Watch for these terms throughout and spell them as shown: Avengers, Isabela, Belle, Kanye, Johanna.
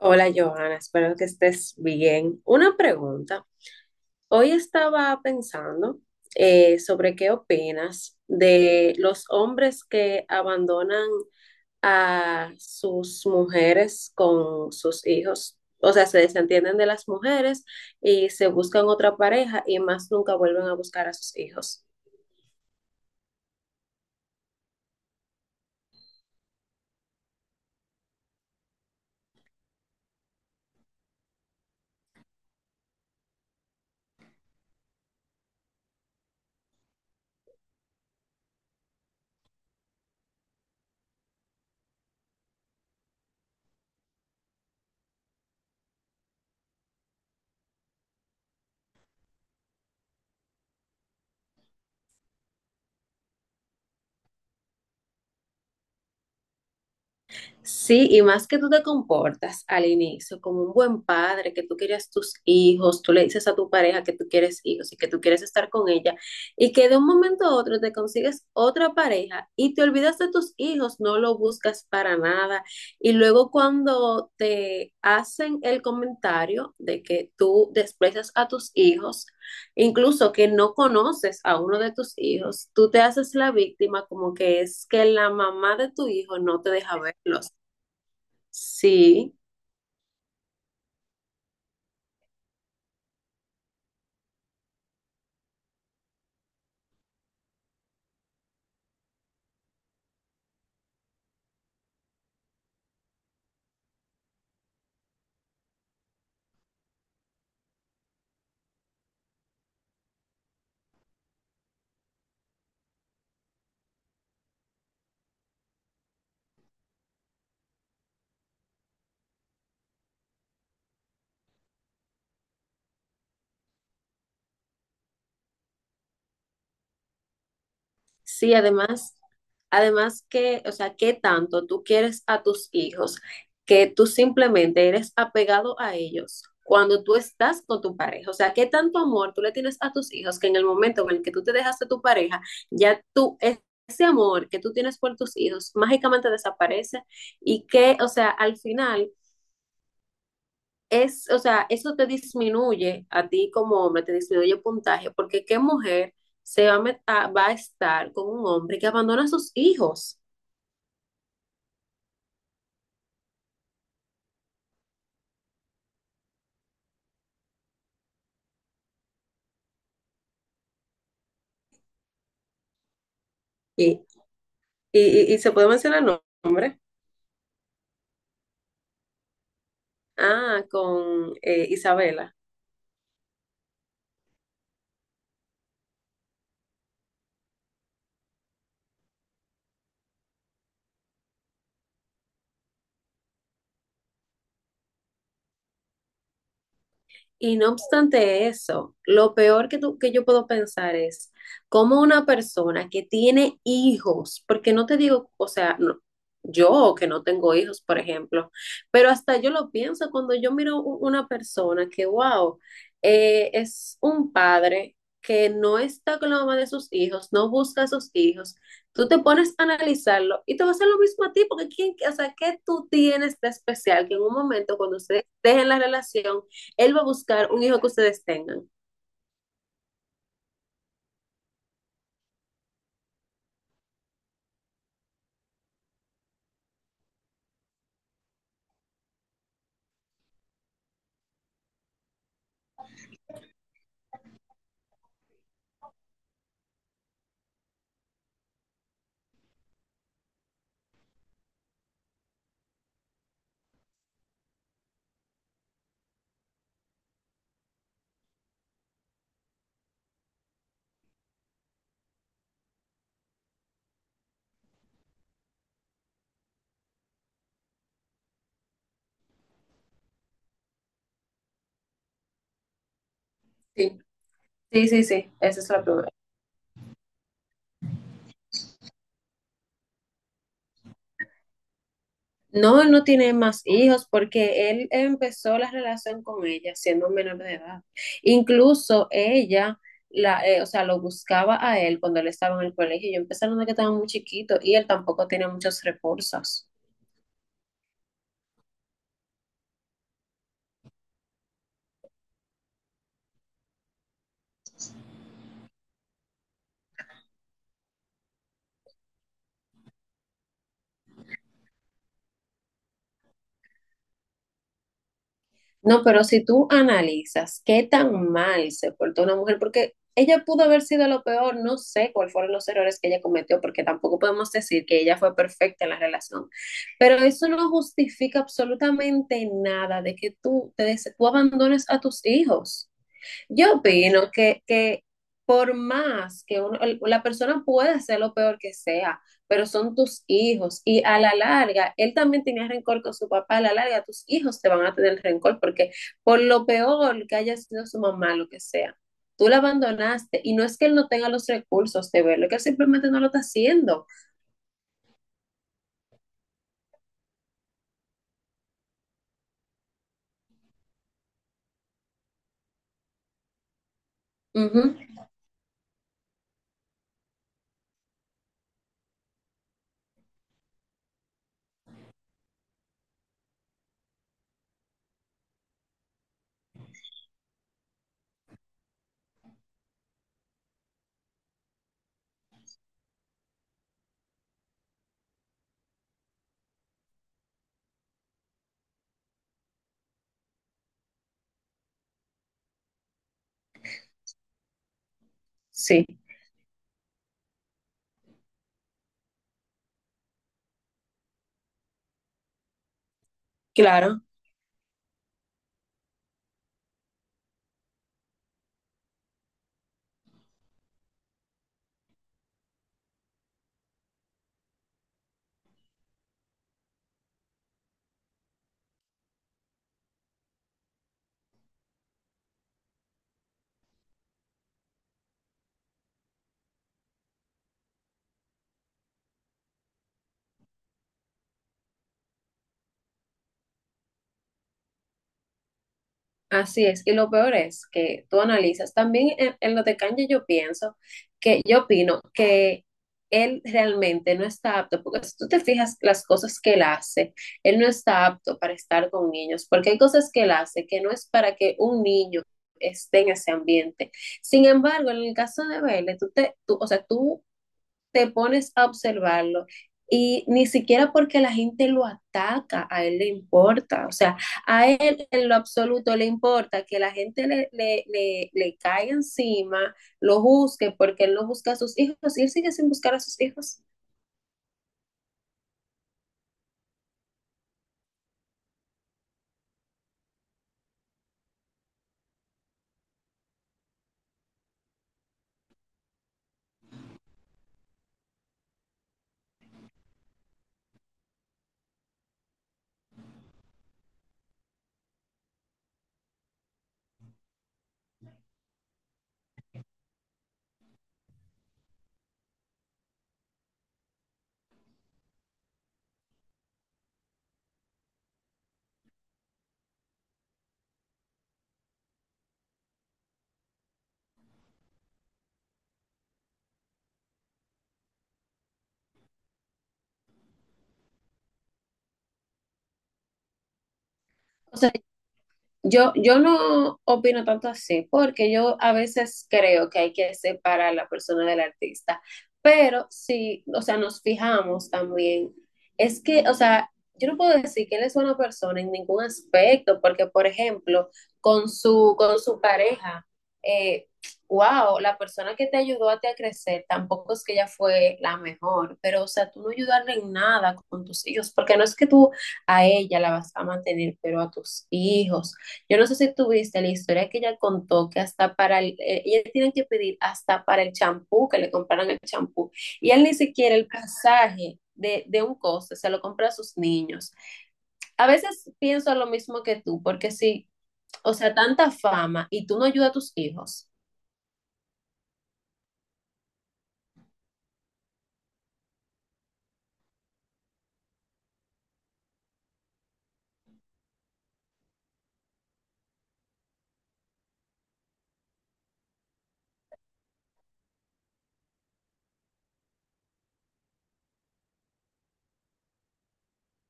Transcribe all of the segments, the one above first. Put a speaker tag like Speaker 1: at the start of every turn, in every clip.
Speaker 1: Hola Johanna, espero que estés bien. Una pregunta. Hoy estaba pensando sobre qué opinas de los hombres que abandonan a sus mujeres con sus hijos. O sea, se desentienden de las mujeres y se buscan otra pareja y más nunca vuelven a buscar a sus hijos. Sí, y más que tú te comportas al inicio como un buen padre, que tú quieres tus hijos, tú le dices a tu pareja que tú quieres hijos y que tú quieres estar con ella, y que de un momento a otro te consigues otra pareja y te olvidas de tus hijos, no lo buscas para nada. Y luego cuando te hacen el comentario de que tú desprecias a tus hijos, incluso que no conoces a uno de tus hijos, tú te haces la víctima como que es que la mamá de tu hijo no te deja verlos. Sí, sí, además, además que, o sea, ¿qué tanto tú quieres a tus hijos que tú simplemente eres apegado a ellos cuando tú estás con tu pareja? O sea, ¿qué tanto amor tú le tienes a tus hijos que en el momento en el que tú te dejas de tu pareja, ya tú, es- ese amor que tú tienes por tus hijos mágicamente desaparece y que, o sea, al final... es, o sea, eso te disminuye a ti como hombre, te disminuye el puntaje, porque qué mujer se va a, va a estar con un hombre que abandona a sus hijos. Y, y se puede mencionar el nombre. Ah, con Isabela. Y no obstante eso, lo peor que, que yo puedo pensar es cómo una persona que tiene hijos, porque no te digo, o sea, yo que no tengo hijos, por ejemplo, pero hasta yo lo pienso cuando yo miro una persona que, wow, es un padre que no está con la mamá de sus hijos, no busca a sus hijos, tú te pones a analizarlo y te va a hacer lo mismo a ti, porque ¿quién, o sea, ¿qué tú tienes de especial que en un momento cuando ustedes dejen la relación, él va a buscar un hijo que ustedes tengan. Sí, sí. Esa es la prueba. No, él no tiene más hijos porque él empezó la relación con ella siendo menor de edad. Incluso ella, o sea, lo buscaba a él cuando él estaba en el colegio. Yo empecé a que estaba muy chiquito y él tampoco tenía muchos recursos. No, pero si tú analizas qué tan mal se portó una mujer, porque ella pudo haber sido lo peor, no sé cuáles fueron los errores que ella cometió, porque tampoco podemos decir que ella fue perfecta en la relación, pero eso no justifica absolutamente nada de que tú, tú abandones a tus hijos. Yo opino que por más que la persona pueda ser lo peor que sea, pero son tus hijos y a la larga, él también tenía rencor con su papá, a la larga tus hijos te van a tener rencor porque por lo peor que haya sido su mamá, lo que sea, tú la abandonaste y no es que él no tenga los recursos de verlo, es que él simplemente no lo está haciendo. Ujú. Sí. Claro. Así es, y lo peor es que tú analizas, también en lo de Kanye yo pienso que yo opino que él realmente no está apto, porque si tú te fijas las cosas que él hace, él no está apto para estar con niños, porque hay cosas que él hace que no es para que un niño esté en ese ambiente. Sin embargo, en el caso de Belle, o sea, tú te pones a observarlo y ni siquiera porque la gente lo ataca, a él le importa, o sea, a él en lo absoluto le importa que la gente le caiga encima, lo busque, porque él no busca a sus hijos y él sigue sin buscar a sus hijos. O sea, yo no opino tanto así, porque yo a veces creo que hay que separar la persona del artista, pero si, o sea, nos fijamos también, es que, o sea, yo no puedo decir que él es una persona en ningún aspecto, porque, por ejemplo, con su pareja, eh, wow, la persona que te ayudó a ti a crecer, tampoco es que ella fue la mejor, pero, o sea, tú no ayudarle en nada con tus hijos, porque no es que tú a ella la vas a mantener, pero a tus hijos, yo no sé si tuviste la historia que ella contó que hasta para ella tienen que pedir hasta para el champú, que le compraran el champú. Y él ni siquiera el pasaje de un coste se lo compra a sus niños. A veces pienso lo mismo que tú, porque sí o sea, tanta fama y tú no ayudas a tus hijos.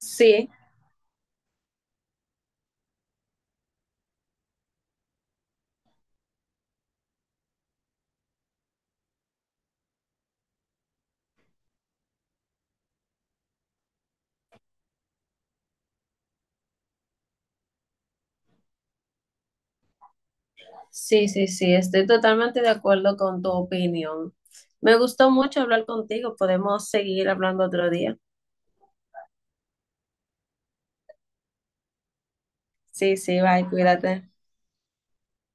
Speaker 1: Sí, sí, estoy totalmente de acuerdo con tu opinión. Me gustó mucho hablar contigo, podemos seguir hablando otro día. Sí, sí, bye, cuídate.